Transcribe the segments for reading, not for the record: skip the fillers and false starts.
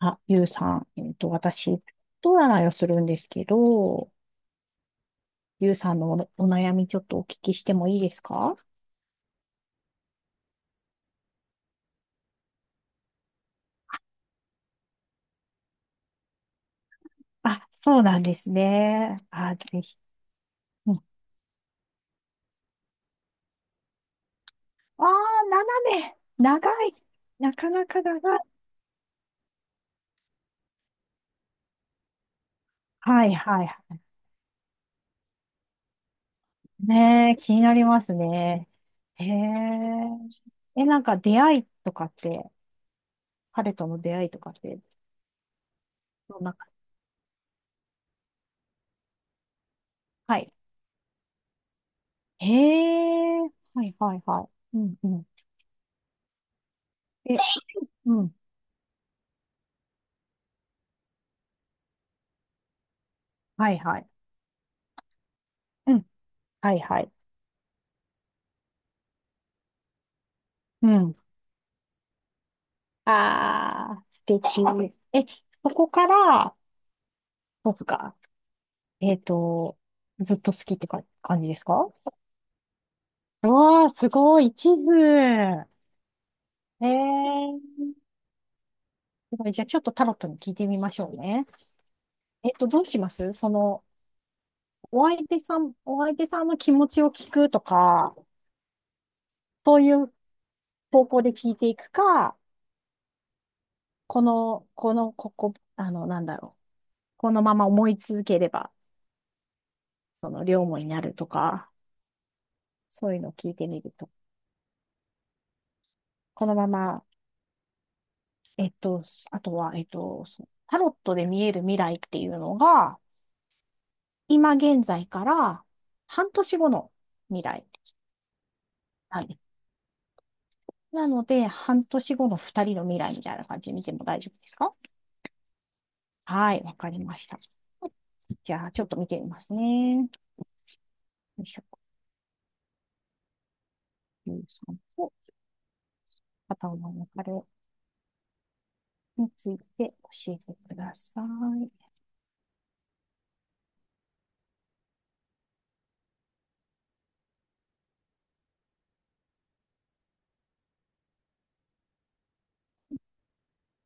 あ、ゆうさん、私、人占いをするんですけど、ゆうさんのお悩みちょっとお聞きしてもいいですか？あ、そうなんですね。あ、ぜひ。うん、ああ、斜め。長い。なかなか長い。はいはいはい。ねえ、気になりますね。へえ。え、なんか出会いとかって、彼との出会いとかって、どんな、はい。へえ。はいはいはい。うんうん。え、うん。はいはい。はいはい。うん。ああ、素敵。え、そこから、そうか。えっと、ずっと好きってか感じですか？うわあ、すごい、地図。ええー、すごい。じゃあ、ちょっとタロットに聞いてみましょうね。どうしますその、お相手さんの気持ちを聞くとか、そういう方向で聞いていくか、ここ、あの、なんだろう。このまま思い続ければ、その、両思いになるとか。そういうのを聞いてみると。このまま、えっと、あとは、そうタロットで見える未来っていうのが、今現在から半年後の未来なんです。なので、半年後の二人の未来みたいな感じで見ても大丈夫ですか？はい、わかりました。じゃあ、ちょっと見てみますね。よいしょ、ゆうさんと片方の別れについて教えてください。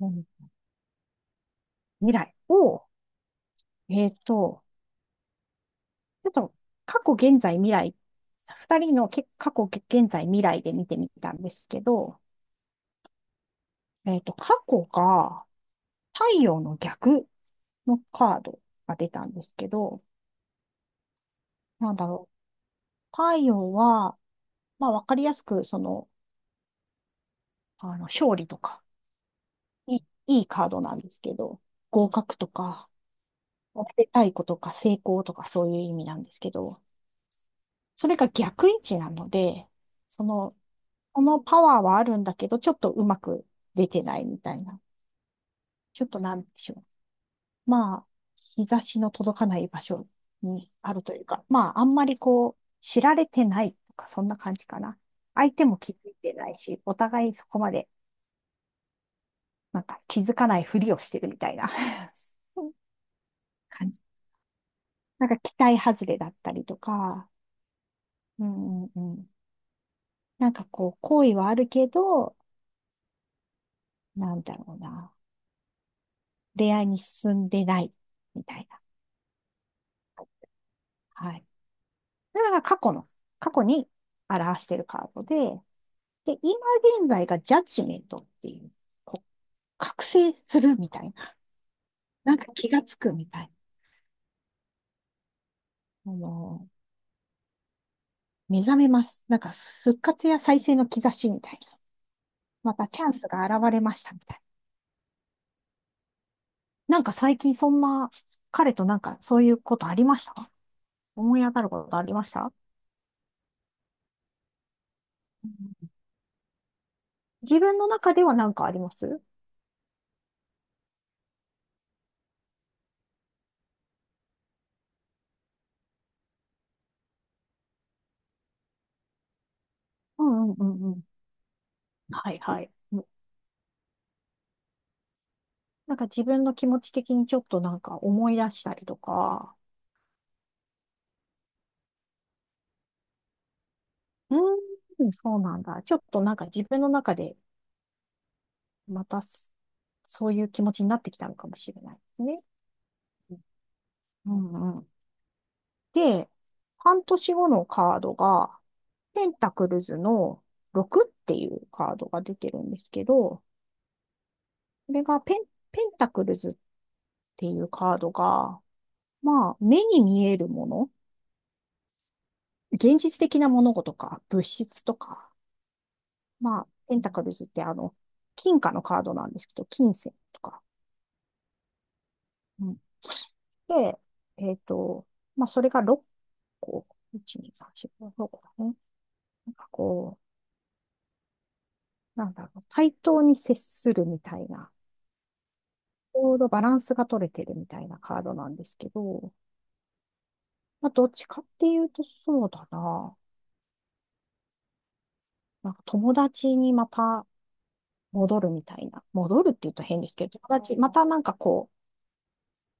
うん、未来を、えっと、ちょっと過去、現在、未来、二人の過去、現在、未来で見てみたんですけど、過去が太陽の逆のカードが出たんですけど、なんだろう。太陽は、まあ、わかりやすく、その、あの、勝利とか、いい、いいカードなんですけど、合格とか、おめでたいことか、成功とか、そういう意味なんですけど、それが逆位置なので、その、このパワーはあるんだけど、ちょっとうまく出てないみたいな。ちょっとなんでしょう。まあ、日差しの届かない場所にあるというか、まあ、あんまりこう、知られてないとか、そんな感じかな。相手も気づいてないし、お互いそこまで、なんか気づかないふりをしてるみたいな 感じ。なんか期待外れだったりとか、うんうんうん。なんかこう、好意はあるけど、なんだろうな。恋愛に進んでない、みたいな。はい。それが過去に表しているカードで、で、今現在がジャッジメントっていう、こう、覚醒するみたいな。なんか気がつくみたいな。あの、目覚めます。なんか復活や再生の兆しみたいな。またチャンスが現れましたみたいな。なんか最近そんな、彼となんかそういうことありました？思い当たることありました？うん、自分の中ではなんかあります？うんうんうんうん。はいはい。なんか自分の気持ち的にちょっとなんか思い出したりとか、うーん、そうなんだ。ちょっとなんか自分の中でまたそういう気持ちになってきたのかもしれないですね。うんうん。で、半年後のカードが、ペンタクルズの6っていうカードが出てるんですけど、これがペンタクルズっていうカードが、まあ、目に見えるもの、現実的な物事とか、物質とか、まあ、ペンタクルズってあの、金貨のカードなんですけど、金銭とか。うん。で、えっと、まあ、それが6個、1、2、3、4、5、6個だね。なんかこう、なんだろう、対等に接するみたいな、ちょうどバランスが取れてるみたいなカードなんですけど、まあ、どっちかっていうとそうだな。なんか友達にまた戻るみたいな。戻るって言うと変ですけど、友達、またなんかこ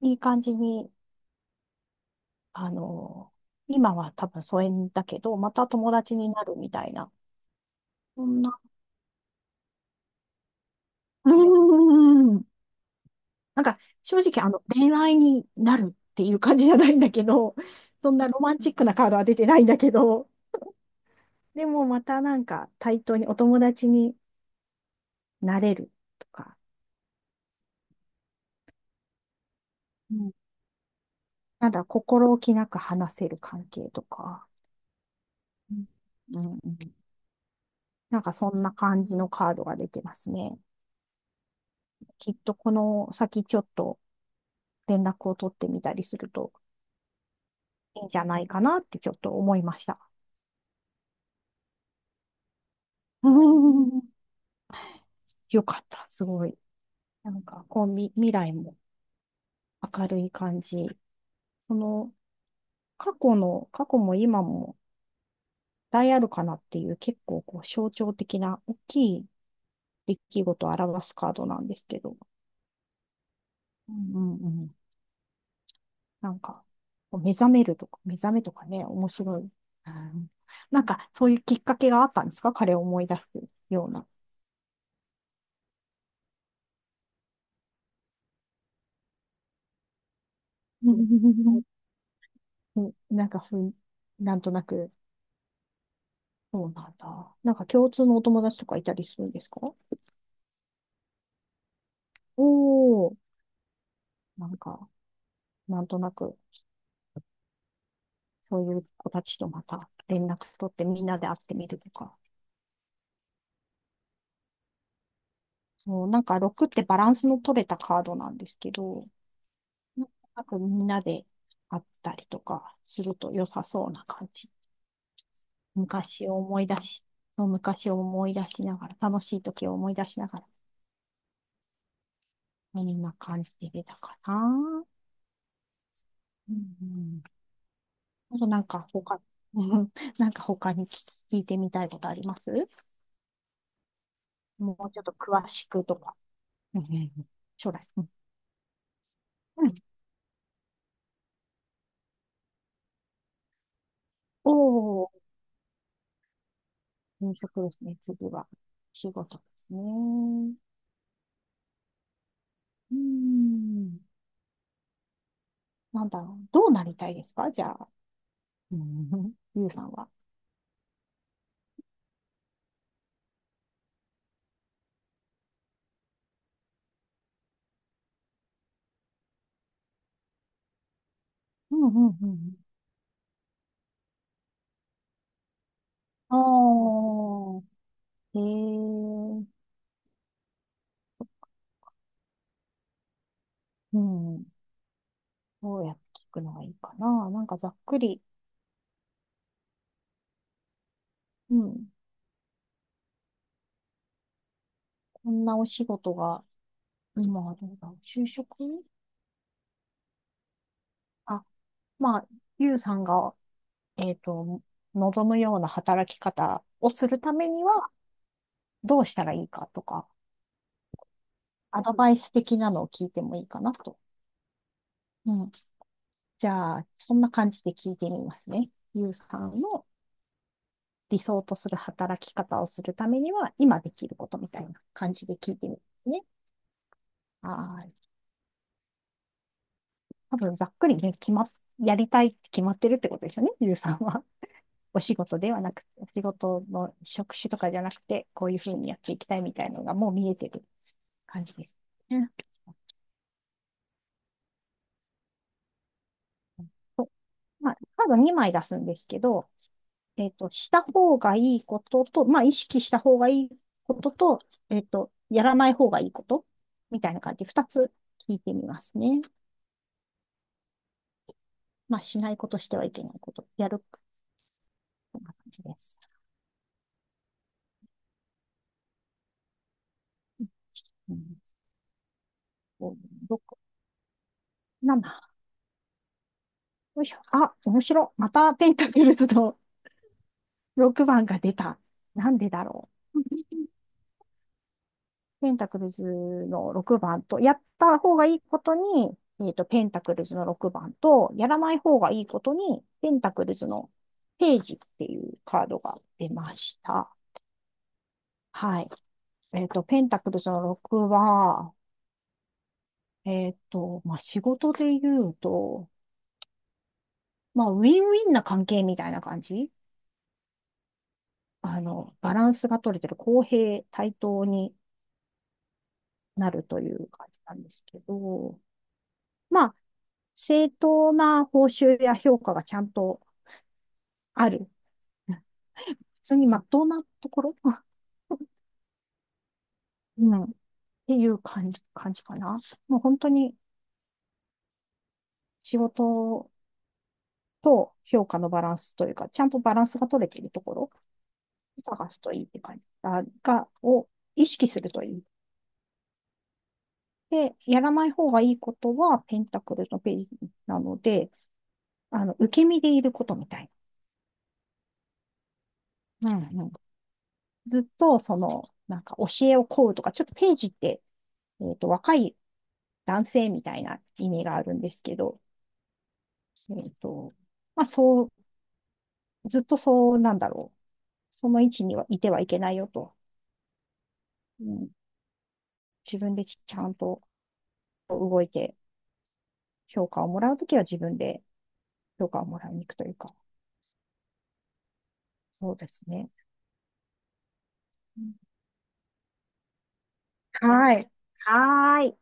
う、いい感じにあの、今は多分疎遠だけど、また友達になるみたいな、そんなうーん。なんか、正直、あの、恋愛になるっていう感じじゃないんだけど、そんなロマンチックなカードは出てないんだけど、でもまたなんか対等にお友達になれるとか、うん、なんだ、心置きなく話せる関係とか、うんうん、なんかそんな感じのカードが出てますね。きっとこの先ちょっと連絡を取ってみたりするといいんじゃないかなってちょっと思いました。よかった、すごい。なんか、こう、未来も明るい感じ。その、過去も今もあるかなっていう、結構、こう、象徴的な大きい出来事を表すカードなんですけど、うんうんうん、なんか、こう目覚めるとか、目覚めとかね、面白い。うん、なんか、そういうきっかけがあったんですか？彼を思い出すような。なんかふん、なんとなくそうなんだ。なんか共通のお友達とかいたりするんですか？おー、なんか、なんとなく、そういう子たちとまた連絡取ってみんなで会ってみるとか。そう、なんか6ってバランスの取れたカードなんですけど、なんとなくみんなで会ったりとかすると良さそうな感じ。昔を思い出し、そう昔を思い出しながら、楽しい時を思い出しながら、そんな感じで出たかな。うんうん、あとなんか他、うん なんか他に聞いてみたいことあります？もうちょっと詳しくとか。うんうんうん、将来。うんうん、おー、転職ですね。次は仕事ですね。うん。なんだろう。どうなりたいですか？じゃあ、うんうんうんゆうさんは。うんうんうん。ああ、へえ、うん。どうやって聞くのがいいかな。なんかざっくり、うん。こんなお仕事が今はどうだろう。就職あ、まあ、ゆうさんが、えっと、望むような働き方をするためには、どうしたらいいかとか、アドバイス的なのを聞いてもいいかなと。うん。じゃあ、そんな感じで聞いてみますね。ゆうさんの理想とする働き方をするためには、今できることみたいな感じで聞いてみますね。はい。多分、ざっくりね、決まっ、やりたいって決まってるってことですよね、ゆうさんは。お仕事ではなく、お仕事の職種とかじゃなくて、こういうふうにやっていきたいみたいなのがもう見えてる感じです。うん、まあ、カード2枚出すんですけど、した方がいいことと、まあ、意識した方がいいことと、やらない方がいいことみたいな感じで2つ聞いてみますね。まあ、しないことしてはいけないこと、やる、こんな感じです。うん、5、ろくな7。よいしょ。あ、面白。またペンタクルズの6番が出た。なんでだろう。ペンタクルズの6番と、やった方がいいことに、ペンタクルズの6番と、やらない方がいいことに、ペンタクルズのページっていうカードが出ました。はい。ペンタクルズの6は、まあ、仕事で言うと、まあ、ウィンウィンな関係みたいな感じ、あの、バランスが取れてる公平、対等になるという感じなんですけど、まあ、正当な報酬や評価がちゃんとある。普通に真っ当なところ うん。っていう感じかな。もう本当に仕事と評価のバランスというか、ちゃんとバランスが取れているところを探すといいって感じを意識するといい。で、やらない方がいいことは、ペンタクルのページなので、あの、受け身でいることみたいな。うんうん、ずっと、その、なんか教えを請うとか、ちょっとページって、若い男性みたいな意味があるんですけど、えっと、まあ、そう、ずっとそうなんだろう。その位置にはいてはいけないよと。うん、自分でちゃんと覚えて、評価をもらうときは自分で評価をもらいに行くというか、そうですね。うん、はい。はーい。